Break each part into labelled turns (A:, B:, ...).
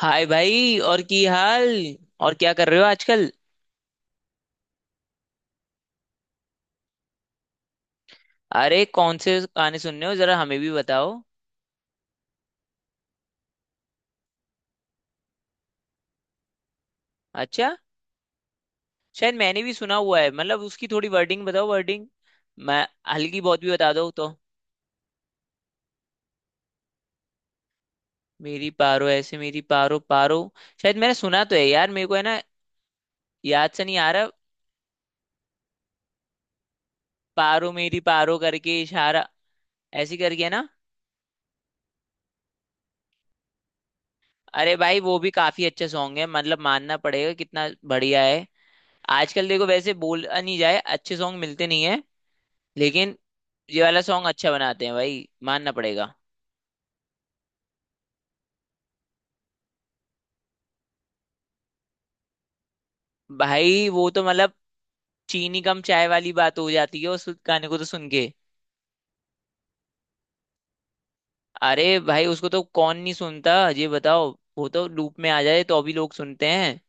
A: हाय भाई और की हाल। और क्या कर रहे हो आजकल? अरे कौन से गाने सुन रहे हो जरा हमें भी बताओ। अच्छा। शायद मैंने भी सुना हुआ है, मतलब उसकी थोड़ी वर्डिंग बताओ, वर्डिंग मैं हल्की बहुत भी बता दो तो। मेरी पारो, ऐसे मेरी पारो पारो। शायद मैंने सुना तो है यार मेरे को, है ना। याद से नहीं आ रहा। पारो मेरी पारो करके इशारा, ऐसी करके है ना। अरे भाई वो भी काफी अच्छा सॉन्ग है, मतलब मानना पड़ेगा कितना बढ़िया है। आजकल देखो वैसे बोल नहीं जाए, अच्छे सॉन्ग मिलते नहीं है। लेकिन ये वाला सॉन्ग अच्छा बनाते हैं भाई, मानना पड़ेगा। भाई वो तो मतलब चीनी कम चाय वाली बात हो जाती है उस गाने को तो सुन के। अरे भाई उसको तो कौन नहीं सुनता, ये बताओ। वो तो लूप में आ जाए तो अभी लोग सुनते हैं,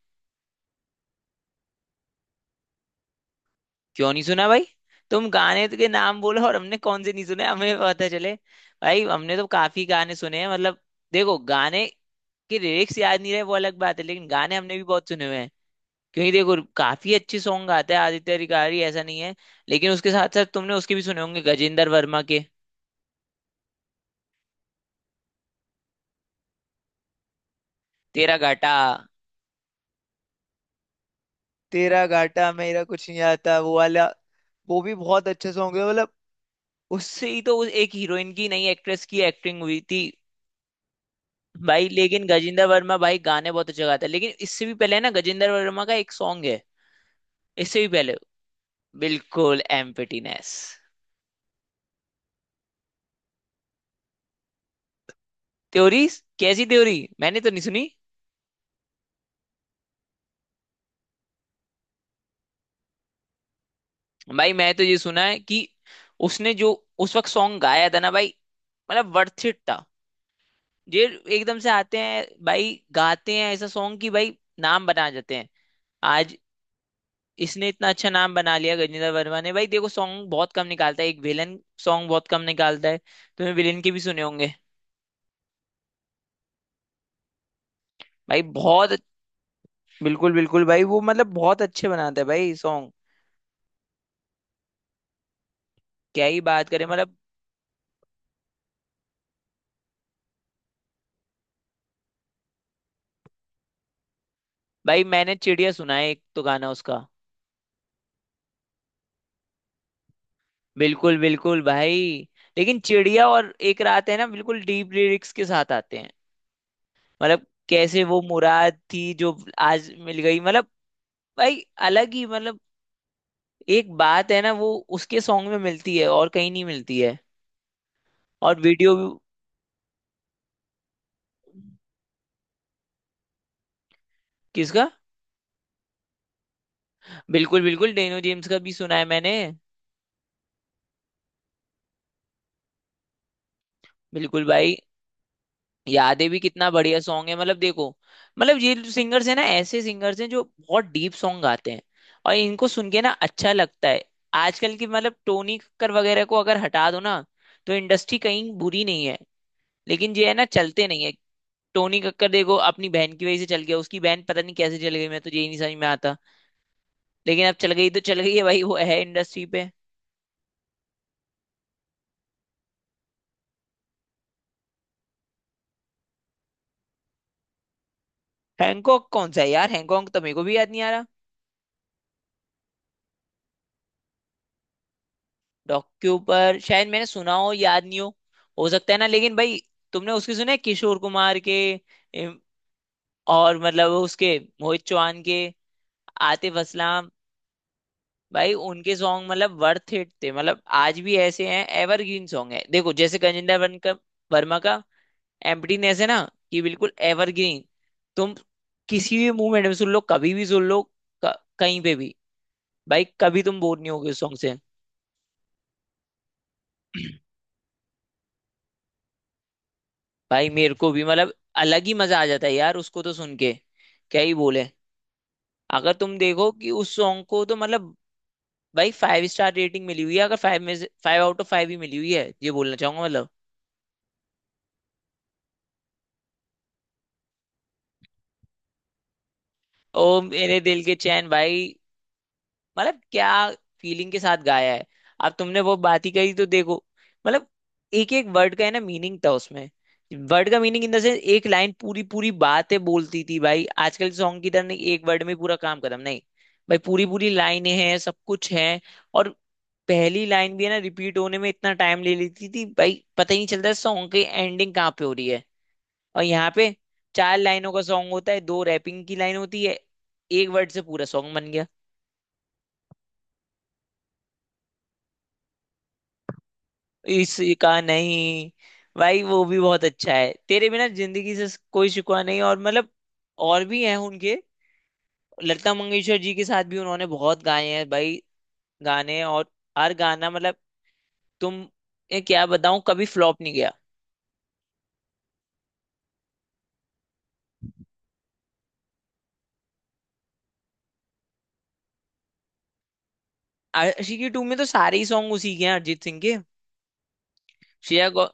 A: क्यों नहीं सुना भाई। तुम गाने के नाम बोलो और हमने कौन से नहीं सुने, हमें पता चले। भाई हमने तो काफी गाने सुने हैं मतलब। देखो गाने के लिरिक्स याद नहीं रहे वो अलग बात है, लेकिन गाने हमने भी बहुत सुने हुए हैं। क्योंकि देखो काफी अच्छे सॉन्ग गाता है आदित्य अधिकारी, ऐसा नहीं है। लेकिन उसके साथ साथ तुमने उसके भी सुने होंगे गजेंद्र वर्मा के। तेरा घाटा। तेरा घाटा मेरा कुछ नहीं आता, वो वाला। वो भी बहुत अच्छे सॉन्ग है मतलब। उससे ही तो उस एक हीरोइन की, नई एक्ट्रेस की एक्टिंग हुई थी। भाई लेकिन गजेंद्र वर्मा भाई गाने बहुत अच्छा गाता है, लेकिन इससे भी पहले है ना, गजेंद्र वर्मा का एक सॉन्ग है इससे भी पहले। बिल्कुल एम्प्टीनेस। थ्योरी, कैसी थ्योरी मैंने तो नहीं सुनी। भाई मैं तो ये सुना है कि उसने जो उस वक्त सॉन्ग गाया था ना भाई, मतलब वर्थ इट था ये। एकदम से आते हैं भाई, गाते हैं ऐसा सॉन्ग कि भाई नाम बना जाते हैं। आज इसने इतना अच्छा नाम बना लिया गजेंद्र वर्मा ने भाई। देखो सॉन्ग बहुत कम निकालता है एक विलन, सॉन्ग बहुत कम निकालता है। तुमने विलन के भी सुने होंगे। भाई बहुत बिल्कुल बिल्कुल भाई वो, मतलब बहुत अच्छे बनाता है भाई सॉन्ग, क्या ही बात करें मतलब। भाई मैंने चिड़िया सुना है एक तो गाना उसका। बिल्कुल बिल्कुल भाई। लेकिन चिड़िया और एक रात है ना, बिल्कुल डीप लिरिक्स के साथ आते हैं। मतलब कैसे वो मुराद थी जो आज मिल गई, मतलब भाई अलग ही मतलब, एक बात है ना वो उसके सॉन्ग में मिलती है और कहीं नहीं मिलती है। और वीडियो। किसका? बिल्कुल बिल्कुल डेनो जेम्स का भी सुना है मैंने। बिल्कुल भाई। यादें भी कितना बढ़िया सॉन्ग है मतलब देखो। मतलब ये सिंगर्स है ना, ऐसे सिंगर्स हैं जो बहुत डीप सॉन्ग गाते हैं। और इनको सुन के ना अच्छा लगता है। आजकल की मतलब टोनी कक्कर वगैरह को अगर हटा दो ना, तो इंडस्ट्री कहीं बुरी नहीं है। लेकिन ये है ना, चलते नहीं है। टोनी कक्कर देखो अपनी बहन की वजह से चल गया, उसकी बहन पता नहीं कैसे चल गई, मैं तो यही नहीं समझ में आता। लेकिन अब चल गई तो चल गई है भाई, वो है इंडस्ट्री पे। हैंकॉक कौन सा है यार, हैंकॉक तो मेरे को भी याद नहीं आ रहा। डॉक्यू पर शायद मैंने सुना हो, याद नहीं हो, हो सकता है ना लेकिन भाई। तुमने उसके सुने किशोर कुमार के, इम, और मतलब उसके मोहित चौहान के, आतिफ असलाम। भाई उनके सॉन्ग मतलब वर्थ इट थे, मतलब आज भी ऐसे हैं एवरग्रीन सॉन्ग है देखो जैसे गजेंद्र वर्न का वर्मा का एम्प्टीनेस है ना, कि बिल्कुल एवरग्रीन। तुम किसी भी मूवमेंट में सुन लो, कभी भी सुन लो, कहीं पे भी, भाई कभी तुम बोर नहीं होगे उस सॉन्ग से। भाई मेरे को भी मतलब अलग ही मजा आ जाता है यार उसको तो सुन के, क्या ही बोले। अगर तुम देखो कि उस सॉन्ग को तो मतलब भाई फाइव स्टार रेटिंग मिली हुई है, अगर फाइव में से फाइव आउट ऑफ फाइव ही मिली हुई है, ये बोलना चाहूंगा मतलब। ओ मेरे दिल के चैन भाई, मतलब क्या फीलिंग के साथ गाया है। अब तुमने वो बात ही कही तो देखो, मतलब एक एक वर्ड का है ना मीनिंग था उसमें। वर्ड का मीनिंग इन द सेंस, एक लाइन पूरी पूरी बातें बोलती थी भाई, आजकल सॉन्ग की तरह नहीं एक वर्ड में पूरा काम खत्म नहीं। भाई पूरी पूरी लाइनें हैं, सब कुछ है। और पहली लाइन भी है ना रिपीट होने में इतना टाइम ले लेती थी भाई, पता ही नहीं चलता सॉन्ग की एंडिंग कहाँ पे हो रही है। और यहाँ पे चार लाइनों का सॉन्ग होता है, दो रैपिंग की लाइन होती है, एक वर्ड से पूरा सॉन्ग बन गया। इसका नहीं, भाई वो भी बहुत अच्छा है तेरे बिना जिंदगी से कोई शिकवा नहीं, और मतलब और भी हैं उनके। लता मंगेशकर जी के साथ भी उन्होंने बहुत गाए हैं भाई गाने, और हर गाना मतलब, तुम ये क्या बताऊं, कभी फ्लॉप नहीं गया। आशिकी टू में तो सारे ही सॉन्ग उसी के हैं अरिजीत सिंह के। श्रेया घो-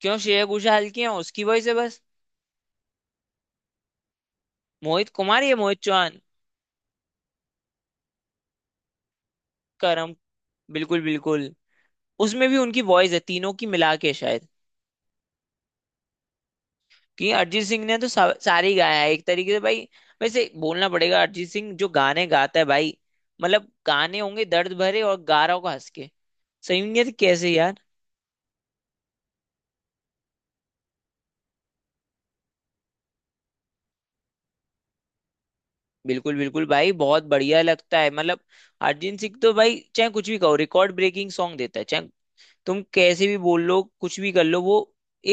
A: क्यों, श्रेया घोषाल की हैं, उसकी वॉइस है बस। मोहित कुमार या मोहित चौहान? करम, बिल्कुल बिल्कुल। उसमें भी उनकी वॉइस है तीनों की मिला के शायद, कि अरिजीत सिंह ने तो सारे ही गाया है एक तरीके से भाई। वैसे बोलना पड़ेगा अरिजीत सिंह जो गाने गाता है भाई, मतलब गाने होंगे दर्द भरे और गा रहा होगा हंस के, सही नहीं है कैसे यार। बिल्कुल बिल्कुल भाई बहुत बढ़िया लगता है मतलब। अरिजीत सिंह तो भाई चाहे कुछ भी कहो रिकॉर्ड ब्रेकिंग सॉन्ग देता है, चाहे तुम कैसे भी बोल लो, कुछ भी कर लो, वो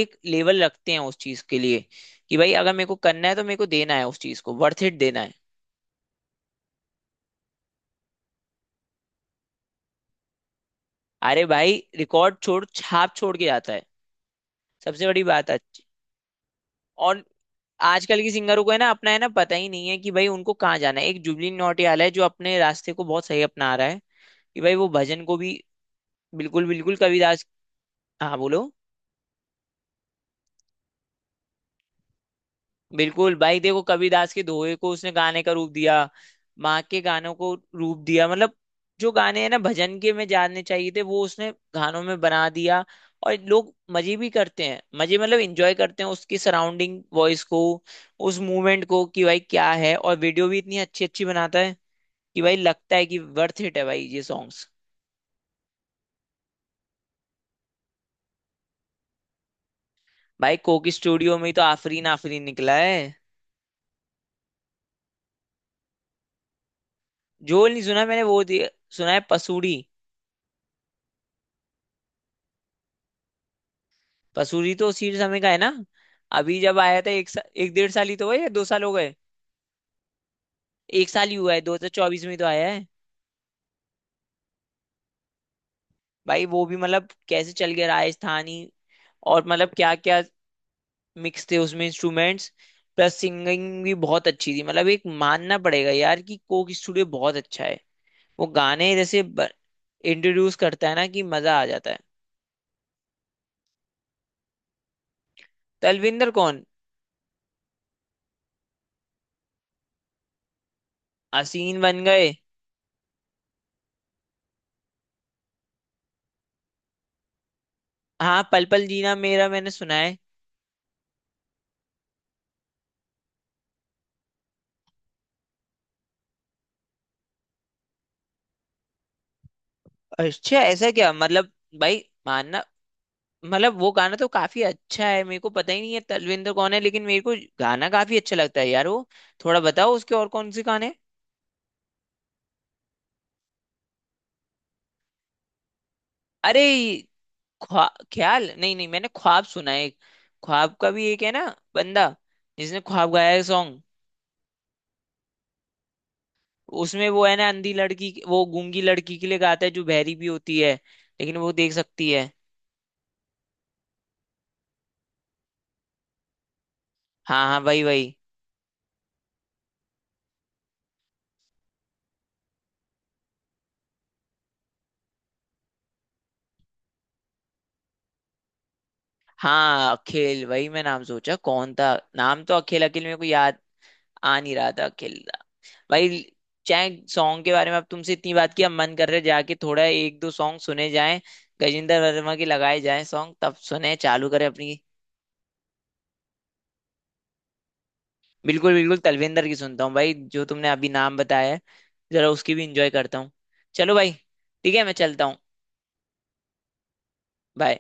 A: एक लेवल रखते हैं उस चीज के लिए, कि भाई अगर मेरे को करना है तो मेरे को देना है, उस चीज को वर्थ इट देना है। अरे भाई रिकॉर्ड छोड़ छाप छोड़ के जाता है, सबसे बड़ी बात है। और आजकल की सिंगरों को है ना, अपना है ना पता ही नहीं है कि भाई उनको कहाँ जाना है। एक जुबली नौटियाल है जो अपने रास्ते को बहुत सही अपना रहा है, कि भाई वो भजन को भी, बिल्कुल बिल्कुल कबीरदास। हाँ बोलो। बिल्कुल भाई, देखो कबीरदास के दोहे को उसने गाने का रूप दिया, माँ के गानों को रूप दिया मतलब, जो गाने हैं ना भजन के में जानने चाहिए थे वो उसने गानों में बना दिया। और लोग मजे भी करते हैं, मजे मतलब इंजॉय करते हैं उसकी सराउंडिंग वॉइस को, उस मूवमेंट को, कि भाई क्या है। और वीडियो भी इतनी अच्छी अच्छी बनाता है कि भाई लगता है कि वर्थ इट है भाई ये सॉन्ग्स। भाई कोक स्टूडियो में ही तो आफरीन आफरीन निकला है। झोल नहीं सुना मैंने वो सुना है पसूरी। पसूरी तो उसी समय का है ना, अभी जब आया था, एक 1.5 साल ही तो हुआ या 2 साल हो गए, एक साल ही हुआ है, 2024 में ही तो आया है। भाई वो भी मतलब कैसे चल गया राजस्थानी, और मतलब क्या क्या मिक्स थे उसमें इंस्ट्रूमेंट्स, प्लस सिंगिंग भी बहुत अच्छी थी, मतलब एक मानना पड़ेगा यार कि कोक स्टूडियो बहुत अच्छा है। वो गाने जैसे इंट्रोड्यूस करता है ना कि मजा आ जाता है। तलविंदर कौन? असीन बन गए। हाँ पल पल जीना मेरा मैंने सुना है। अच्छा ऐसा क्या मतलब, भाई मानना, मतलब वो गाना तो काफी अच्छा है, मेरे को पता ही नहीं है तलविंदर कौन है, लेकिन मेरे को गाना काफी अच्छा लगता है यार वो। थोड़ा बताओ उसके और कौन से गाने। अरे ख्वा ख्याल नहीं नहीं, मैंने ख्वाब सुना है एक, ख्वाब का भी एक है ना बंदा जिसने ख्वाब गाया है सॉन्ग। उसमें वो है ना अंधी लड़की, वो गूंगी लड़की के लिए गाता है जो बहरी भी होती है लेकिन वो देख सकती है। हाँ हाँ वही वही। हाँ अखिल, वही मैं नाम सोचा कौन था, नाम तो अखिल, अखिल मेरे को याद आ नहीं रहा था, अखिल था भाई। चाहे सॉन्ग के बारे में, अब तुमसे इतनी बात की अब मन कर रहा है जाके थोड़ा एक दो सॉन्ग सुने जाएं। गजेंद्र वर्मा के लगाए जाएं सॉन्ग, तब सुने चालू करें अपनी। बिल्कुल बिल्कुल तलविंदर की सुनता हूँ भाई जो तुमने अभी नाम बताया है, जरा उसकी भी इंजॉय करता हूँ। चलो भाई, ठीक है मैं चलता हूँ। बाय।